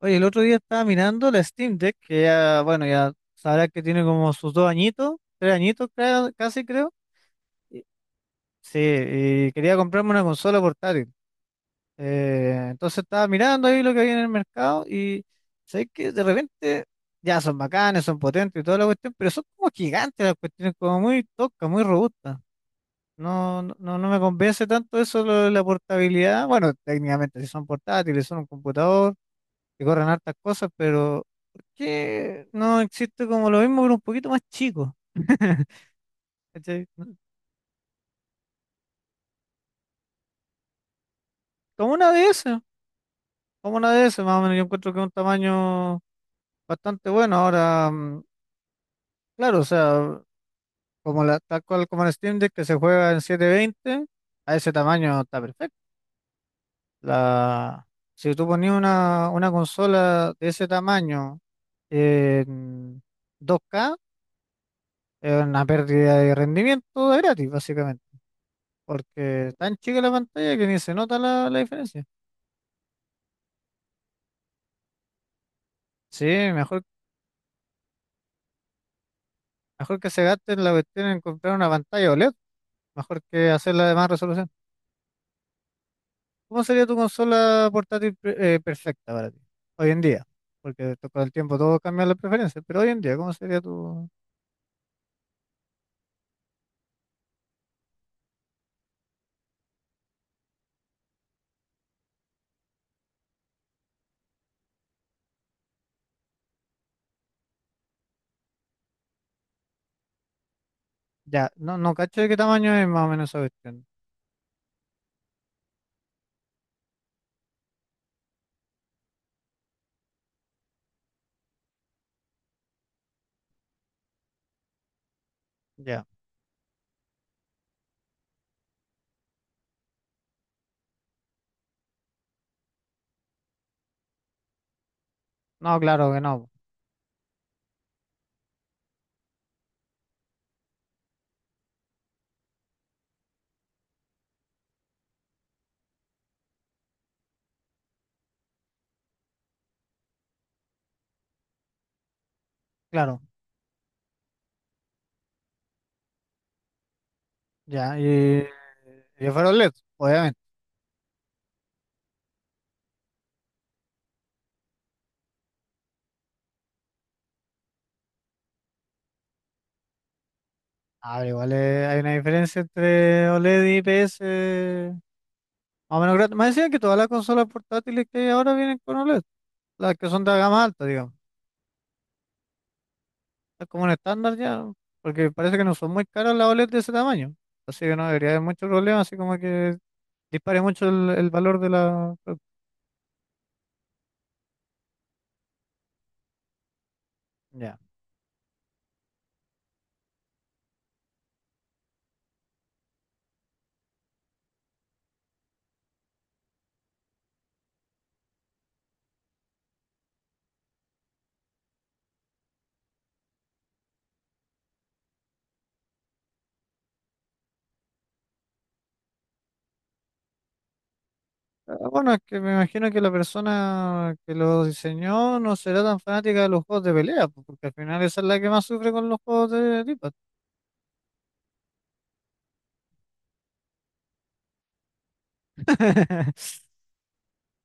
Oye, el otro día estaba mirando la Steam Deck, que ya, bueno, ya sabrás que tiene como sus dos añitos, tres añitos casi creo. Y- Sí, y quería comprarme una consola portátil. Entonces estaba mirando ahí lo que había en el mercado y sé que de repente ya son bacanes, son potentes y toda la cuestión, pero son como gigantes las cuestiones, como muy toscas, muy robustas. No, no, no me convence tanto eso lo de la portabilidad. Bueno, técnicamente si son portátiles, son un computador que corren hartas cosas, pero ¿por qué no existe como lo mismo, pero un poquito más chico? ¿Cachai? Como una DS, como una DS, más o menos, yo encuentro que es un tamaño bastante bueno. Ahora, claro, o sea, tal cual como el Steam Deck que se juega en 720, a ese tamaño está perfecto. La, si tú ponías una consola de ese tamaño en 2K, es una pérdida de rendimiento de gratis, básicamente. Porque es tan chica la pantalla que ni se nota la diferencia. Sí, mejor que se gasten la cuestión en comprar una pantalla OLED, mejor que hacerla de más resolución. ¿Cómo sería tu consola portátil perfecta para ti? Hoy en día, porque con el tiempo todo cambia las preferencias, pero hoy en día, ¿cómo sería tu...? Ya, no, no cacho de qué tamaño es más o menos esa cuestión. Ya, no, claro que no, claro, ya, y fuera OLED, obviamente. Ah, pero igual hay una diferencia entre OLED y IPS. Más o menos gratis. Más decían que todas las consolas portátiles que hay ahora vienen con OLED, las que son de gama alta, digamos. Es como un estándar ya, porque parece que no son muy caras las OLED de ese tamaño. Así que no debería haber mucho problema, así como que dispare mucho el valor de la... Ya. Ah, bueno, es que me imagino que la persona que lo diseñó no será tan fanática de los juegos de pelea, pues, porque al final esa es la que más sufre con los juegos de tipo.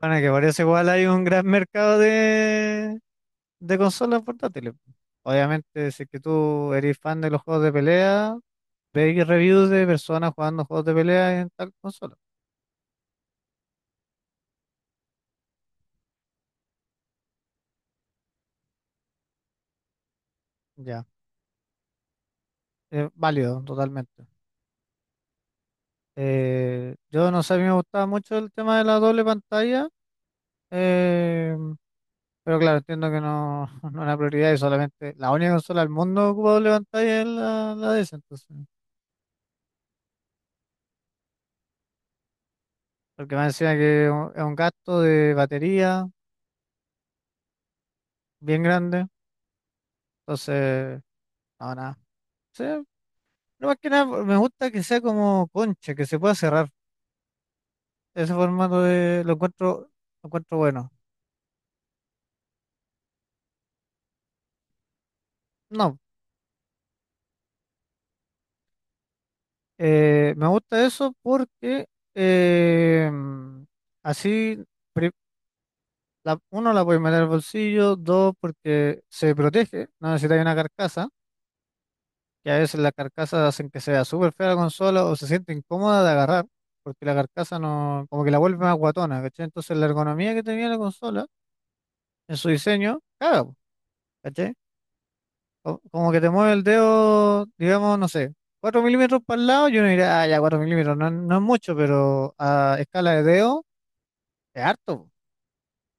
Bueno, que parece igual hay un gran mercado de consolas portátiles. Obviamente, si es que tú eres fan de los juegos de pelea, veis reviews de personas jugando juegos de pelea en tal consola. Ya, válido, totalmente. Yo no sé, a mí me gustaba mucho el tema de la doble pantalla, eh, pero claro, entiendo que no, no es una prioridad y solamente la única consola del mundo que ocupa doble pantalla es la DS, entonces. Porque me decía que es un gasto de batería bien grande, entonces, no, nada. Sí, no, más que nada, me gusta que sea como concha, que se pueda cerrar. Ese formato de, lo encuentro, lo encuentro bueno. No, me gusta eso porque eh, así, pri- uno, la puede meter al bolsillo, dos, porque se protege, no necesita una carcasa, que a veces las carcasas hacen que sea súper fea la consola o se siente incómoda de agarrar, porque la carcasa no, como que la vuelve más guatona, ¿cachai? Entonces la ergonomía que tenía la consola en su diseño, caga, po, ¿cachai? Como que te mueve el dedo, digamos, no sé, 4 milímetros para el lado, yo uno diría, ah, ya 4 milímetros, no, no es mucho, pero a escala de dedo es harto, po,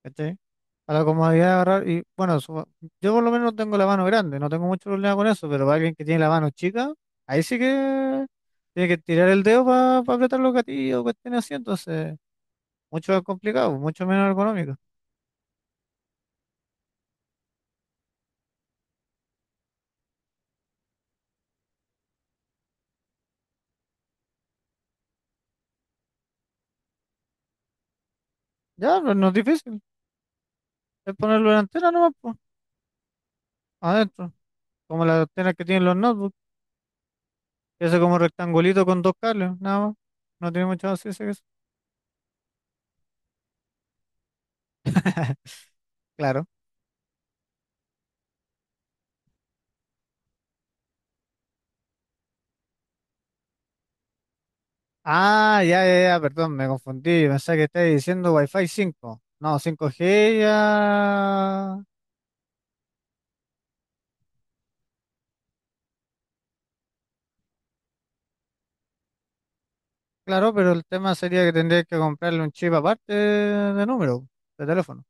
¿cachai? Para la comodidad de agarrar, y bueno, yo por lo menos tengo la mano grande, no tengo mucho problema con eso, pero para alguien que tiene la mano chica, ahí sí que tiene que tirar el dedo para apretar los gatillos, cuestiones así, entonces, mucho más complicado, mucho menos ergonómico. Ya, pero no es difícil, es ponerlo en la antena nomás, po, adentro, como las antenas que tienen los notebooks. Eso como rectangulito con dos cables, nada más. No tiene mucho más ciencia que eso. Claro. Ah, ya, ya, ya, perdón, me confundí. Yo pensaba que estabas diciendo Wi-Fi 5. No, 5G ya. Claro, pero el tema sería que tendrías que comprarle un chip aparte de número, de teléfono.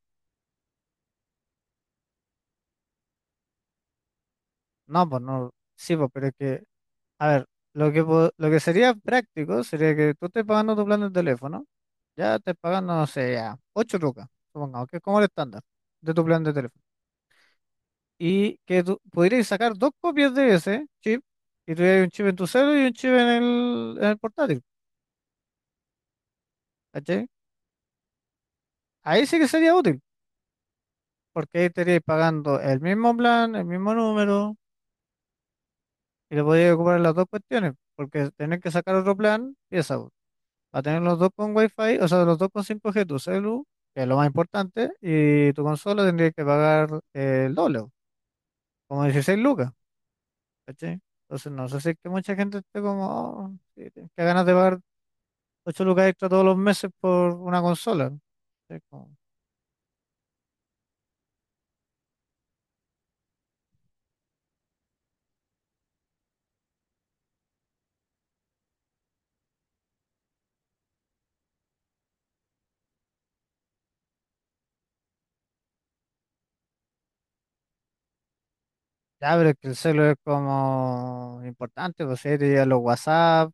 No, pues no. Sí, pues, pero es que, a ver, lo que, lo que sería práctico sería que tú estés pagando tu plan de teléfono. Ya estés pagando, no sé, ya, 8 lucas, supongamos, que es como el estándar de tu plan de teléfono. Y que tú podrías sacar dos copias de ese chip y tuvieras un chip en tu celular y un chip en el portátil. ¿Cachai? Ahí sí que sería útil, porque ahí estarías pagando el mismo plan, el mismo número y le podrías ocupar las dos cuestiones, porque tener que sacar otro plan, pieza, va a tener los dos con Wi-Fi, o sea, los dos con 5G tu celu, que es lo más importante, y tu consola tendría que pagar el doble, como 16 lucas, ¿cachai? Entonces, no sé si es que mucha gente esté como, oh, sí, que ganas de pagar 8 lucas extra todos los meses por una consola. Es como, ya, pero es que el celo es como importante, pues ahí te llegan los WhatsApp,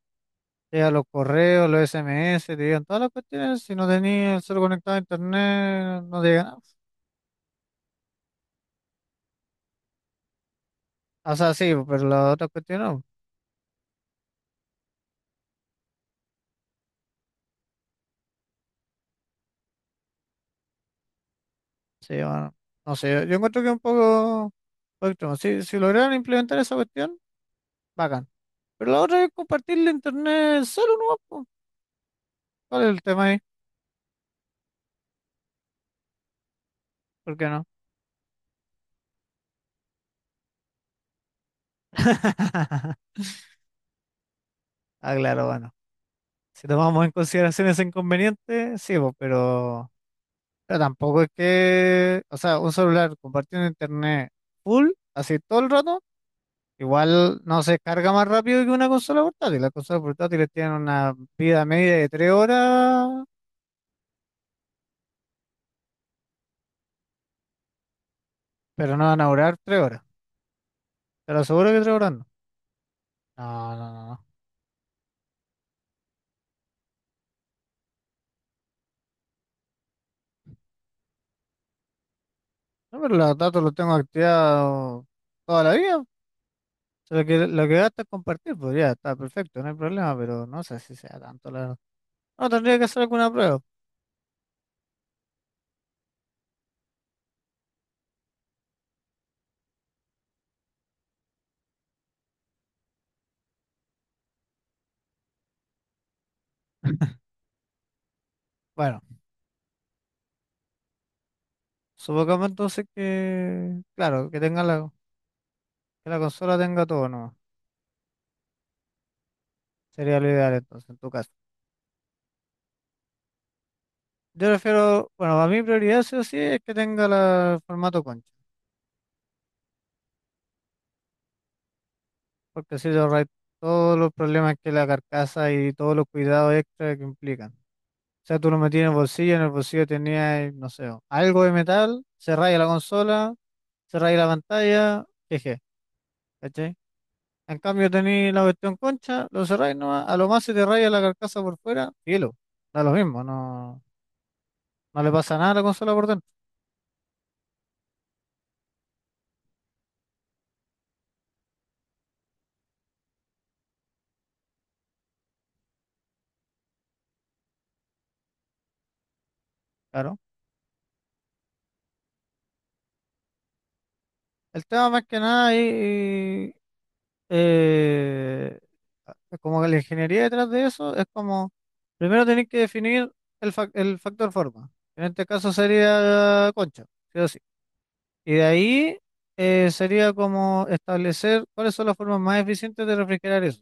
te llegan los correos, los SMS, te llegan todas las cuestiones. Si no tenías el celo conectado a internet, no te llega nada. O sea, sí, pero las otras cuestiones no. Sí, bueno, no sé, yo encuentro que es un poco extremo. Si lograron implementar esa cuestión, bacán. Pero la otra es compartir la internet solo, ¿no? ¿Cuál es el tema ahí? ¿Por qué no? Ah, claro, bueno. Si tomamos en consideración ese inconveniente, sí, pues, pero tampoco es que, o sea, un celular compartiendo internet full, así todo el rato, igual no se carga más rápido que una consola portátil. Las consolas portátiles tienen una vida media de 3 horas, pero no van a durar 3 horas. Te lo aseguro que 3 horas no. No, no, no. No, no, pero los datos los tengo activados toda la vida. O sea, lo que gasta es compartir, pues ya está perfecto, no hay problema, pero no sé si sea tanto, la verdad. No, tendría que hacer alguna prueba. Bueno. Supongamos entonces que, claro, que la consola tenga todo nomás. Sería lo ideal entonces, en tu caso. Yo prefiero, bueno, a mi prioridad sí o sí es que tenga el formato concha, porque así te ahorras todos los problemas que la carcasa y todos los cuidados extra que implican. O sea, tú lo metías en el bolsillo tenías, no sé, algo de metal, se raya la consola, se raya la pantalla, jeje, ¿cachai? En cambio tenéis la cuestión concha, lo cerráis nomás, a lo más se te raya la carcasa por fuera, cielo, da lo mismo, no, no le pasa nada a la consola por dentro, claro. El tema más que nada ahí, eh, como que la ingeniería detrás de eso es como, primero tenéis que definir el factor forma, en este caso sería concha, sí o sí. Y de ahí sería como establecer cuáles son las formas más eficientes de refrigerar eso.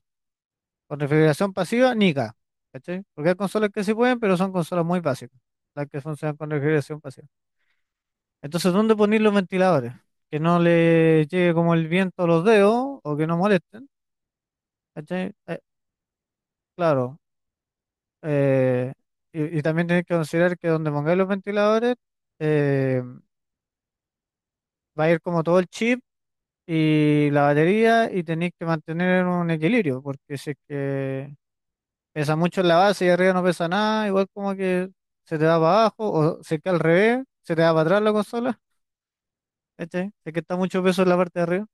Con refrigeración pasiva, nica, ¿cachai? Porque hay consolas que sí pueden, pero son consolas muy básicas, las que funcionan con refrigeración pasiva. Entonces, ¿dónde poner los ventiladores? Que no le llegue como el viento a los dedos o que no molesten. ¿Cachai? Claro. eh, y también tenés que considerar que donde pongáis los ventiladores eh, va a ir como todo el chip y la batería y tenéis que mantener un equilibrio, porque si es que pesa mucho en la base y arriba no pesa nada, igual como que se te va para abajo, o se queda al revés, se te va para atrás la consola, ¿cachai? Se que está mucho peso en la parte de arriba.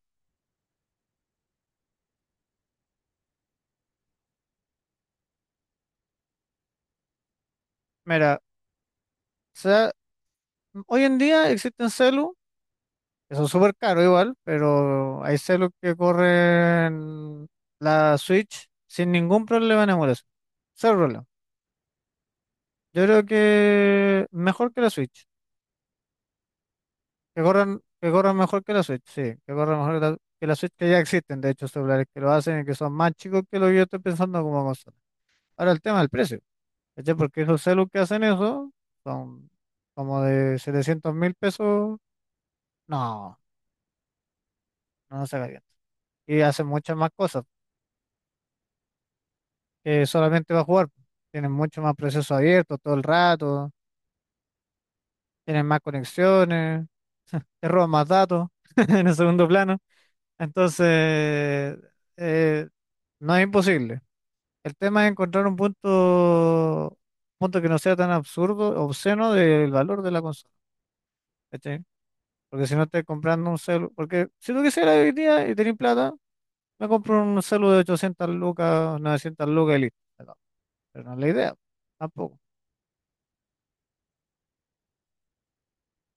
Mira, o sea, hoy en día existen celu, que son súper caros igual, pero hay celu que corren la Switch sin ningún problema en emulación. Cero problema. Yo creo que mejor que la Switch. Que corran mejor que la Switch, sí, que corran mejor que la Switch, que ya existen, de hecho, celulares que lo hacen y que son más chicos que lo que yo estoy pensando como consola. Ahora el tema del precio, ¿cachai? Porque esos celus que hacen eso son como de 700.000 pesos, no, no se calienta. Y hacen muchas más cosas que solamente va a jugar. Tienen mucho más proceso abierto todo el rato, tienen más conexiones, te roban más datos en el segundo plano. Entonces, eh, no es imposible. El tema es encontrar un punto que no sea tan absurdo, obsceno del valor de la consola, ¿cachai? Porque si no estás comprando un celu, porque si tú quisieras hoy día y tenés plata, me compro un celu de 800 lucas, 900 lucas y listo. Pero no es la idea, tampoco.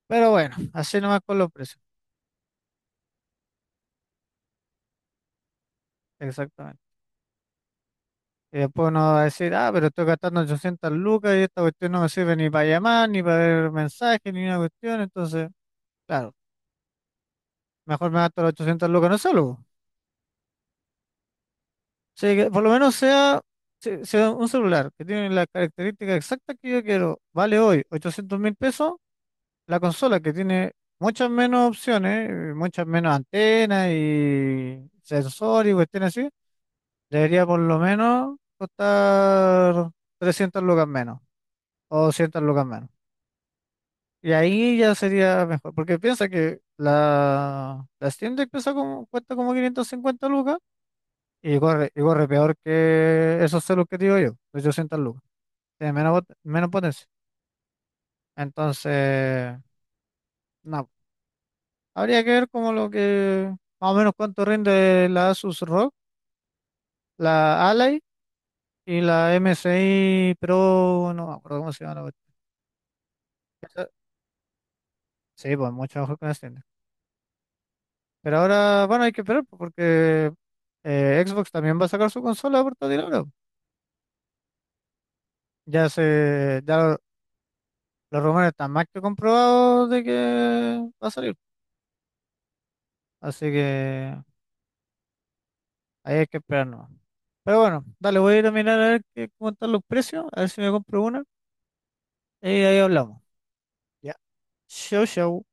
Pero bueno, así nomás con los precios, exactamente. Y después uno va a decir, ah, pero estoy gastando 800 lucas y esta cuestión no me sirve ni para llamar, ni para ver mensajes, ni una cuestión, entonces, claro, mejor me gasto los 800 lucas en un celu. Sí, que por lo menos sea, sea un celular que tiene la característica exacta que yo quiero. Vale hoy 800.000 pesos. La consola que tiene muchas menos opciones, muchas menos antenas y sensores y cuestiones así, debería por lo menos costar 300 lucas menos o 200 lucas menos. Y ahí ya sería mejor, porque piensa que la Steam Deck pesa como, cuesta como 550 lucas y corre peor que esos celos que te digo yo, 800 lucas. Tiene menos, menos potencia. Entonces, no. Habría que ver como lo que, más o menos cuánto rinde la Asus ROG, la Ally y la MSI Pro, no me acuerdo cómo se llama la cuestión. Esa- Sí, pues mucho mejor con una Steam Deck. Pero ahora, bueno, hay que esperar pues, porque Xbox también va a sacar su consola portátil ahora. Ya se, ya lo- los rumores están más que comprobados de que va a salir. Así que ahí hay que esperar nomás. Pero bueno, dale, voy a ir a mirar a ver qué, cómo están los precios, a ver si me compro una. Y ahí hablamos. Ya. Chau, chau.